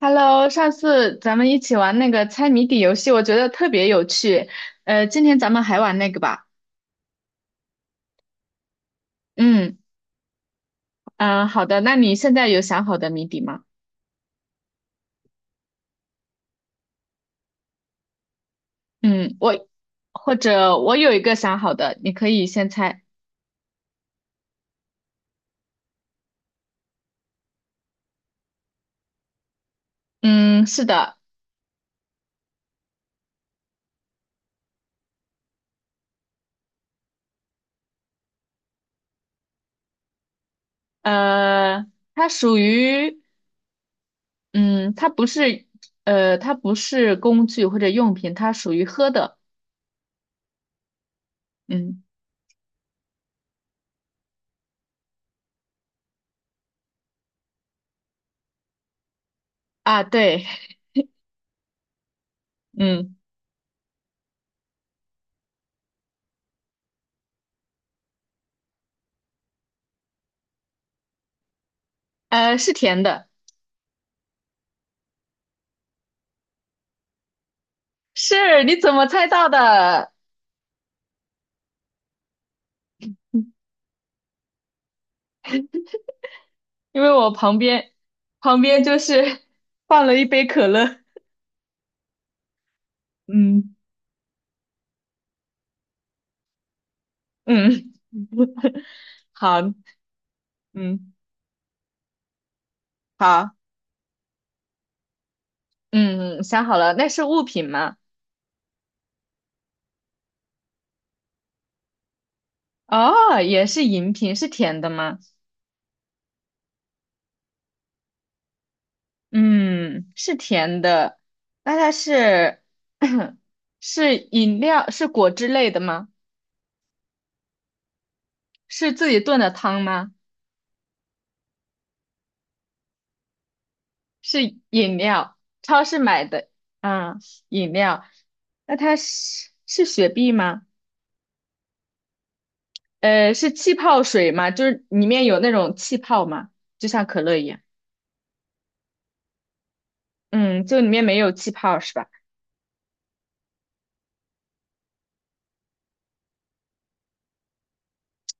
Hello，上次咱们一起玩那个猜谜底游戏，我觉得特别有趣。今天咱们还玩那个吧。嗯嗯，好的。那你现在有想好的谜底吗？嗯，我或者我有一个想好的，你可以先猜。嗯，是的。呃，它属于嗯，它不是呃，它不是工具或者用品，它属于喝的。嗯啊，对，嗯是甜的。是，你怎么猜到的？因为我旁边就是 放了一杯可乐，嗯嗯，好，嗯，好。嗯，想好了，那是物品吗？哦，也是饮品，是甜的吗？嗯，是甜的，那它是 是饮料，是果汁类的吗？是自己炖的汤吗？是饮料，超市买的，啊，饮料，那它是雪碧吗？是气泡水吗？就是里面有那种气泡吗？就像可乐一样。嗯，就里面没有气泡是吧？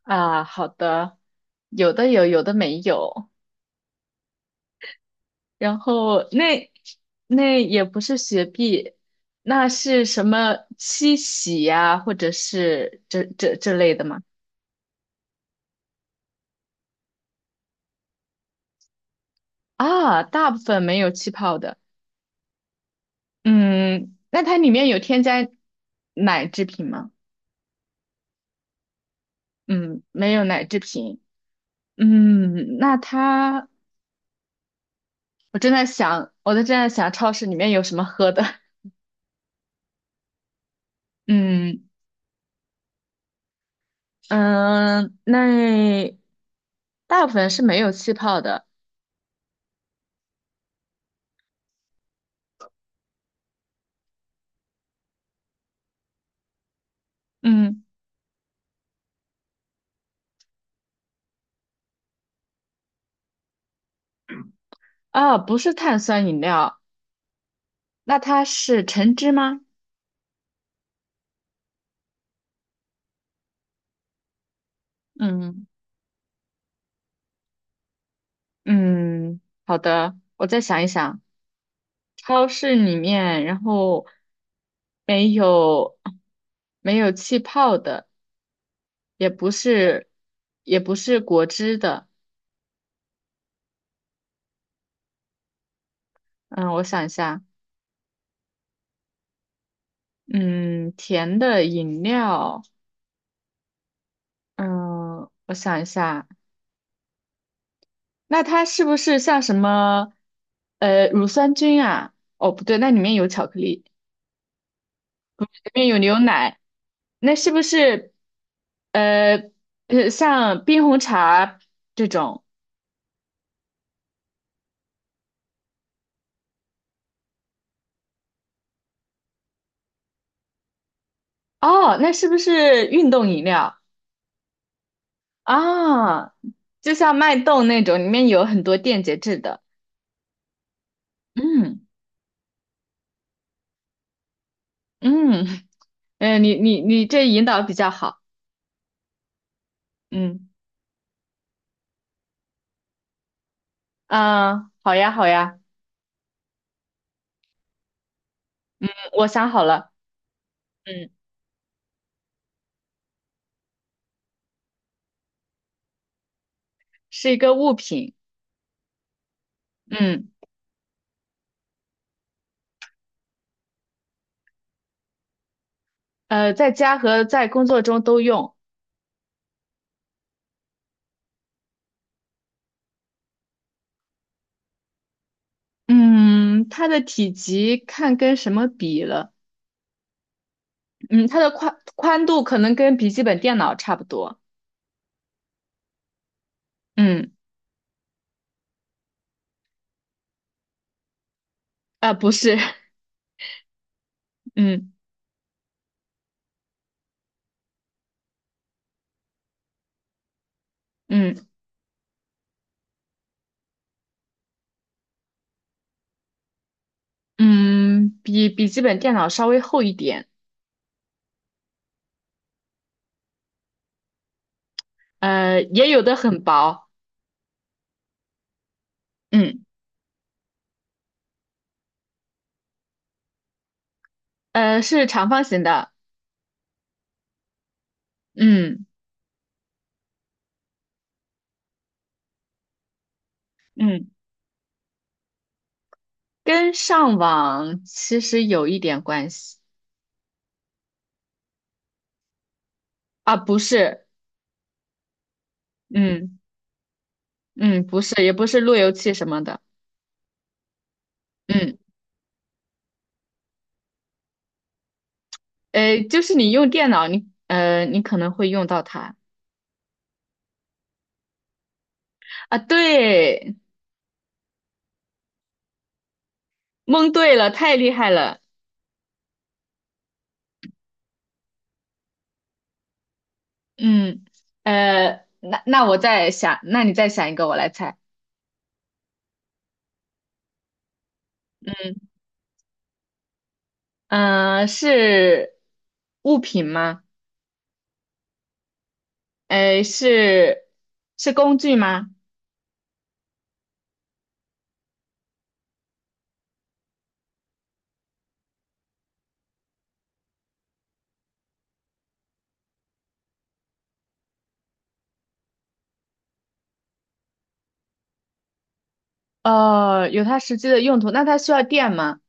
啊，好的，有的有，有的没有。然后那也不是雪碧，那是什么七喜呀、或者是这类的吗？啊，大部分没有气泡的。嗯，那它里面有添加奶制品吗？嗯，没有奶制品。嗯，那它我正在想，我正在想超市里面有什么喝的。嗯嗯，那大部分是没有气泡的。嗯啊，不是碳酸饮料，那它是橙汁吗？嗯嗯，好的，我再想一想，超市里面，然后没有没有气泡的，也不是也不是果汁的。嗯，我想一下，嗯，甜的饮料。嗯，我想一下，那它是不是像什么，乳酸菌啊？哦，不对，那里面有巧克力，里面有牛奶，那是不是，呃，像冰红茶这种？哦，那是不是运动饮料啊？就像脉动那种，里面有很多电解质的。嗯嗯，你这引导比较好。嗯啊，好呀好呀，嗯我想好了。嗯。是一个物品，嗯，在家和在工作中都用，嗯，它的体积看跟什么比了，嗯，它的宽度可能跟笔记本电脑差不多，嗯，啊、不是，嗯嗯嗯，比笔记本电脑稍微厚一点，也有的很薄，嗯，是长方形的，嗯嗯，跟上网其实有一点关系，啊，不是，嗯嗯，不是，也不是路由器什么的。嗯，就是你用电脑，你可能会用到它啊。对，蒙对了，太厉害了。嗯，那我再想，那你再想一个，我来猜。嗯，是物品吗？呃，是是工具吗？哦，有它实际的用途。那它需要电吗？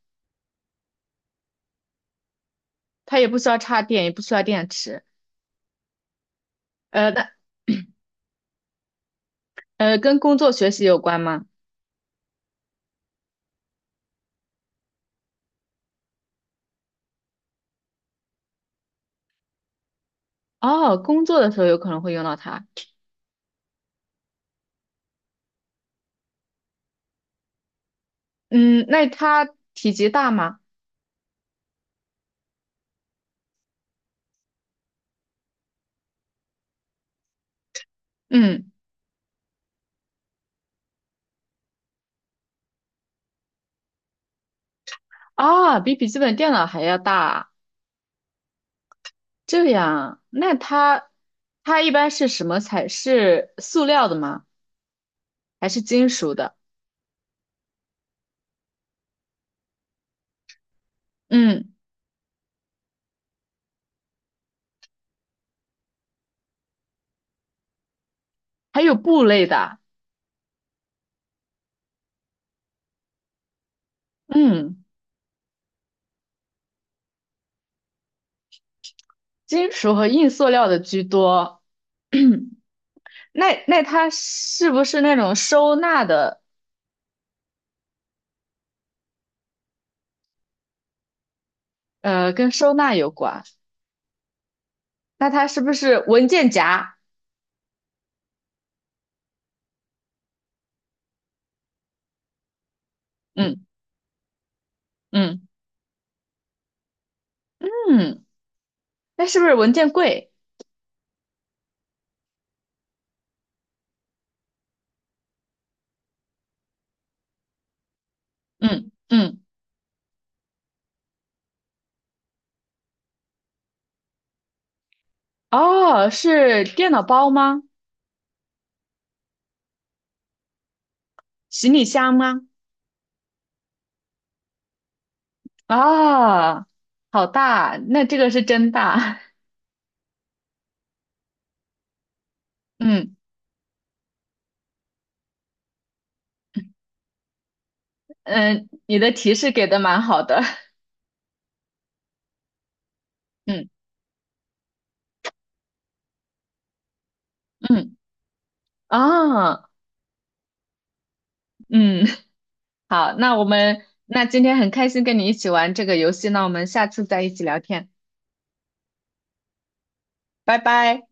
它也不需要插电，也不需要电池。那跟工作学习有关吗？哦，工作的时候有可能会用到它。嗯，那它体积大吗？嗯，啊，比笔记本电脑还要大啊。这样，那它一般是什么材？是塑料的吗？还是金属的？嗯，还有布类的啊，嗯，金属和硬塑料的居多。那它是不是那种收纳的？跟收纳有关。那它是不是文件夹？嗯嗯嗯，那是不是文件柜？嗯嗯。哦，是电脑包吗？行李箱吗？啊，好大，那这个是真大。嗯嗯，你的提示给的蛮好的。嗯嗯啊嗯，好，那我们那今天很开心跟你一起玩这个游戏，那我们下次再一起聊天，拜拜。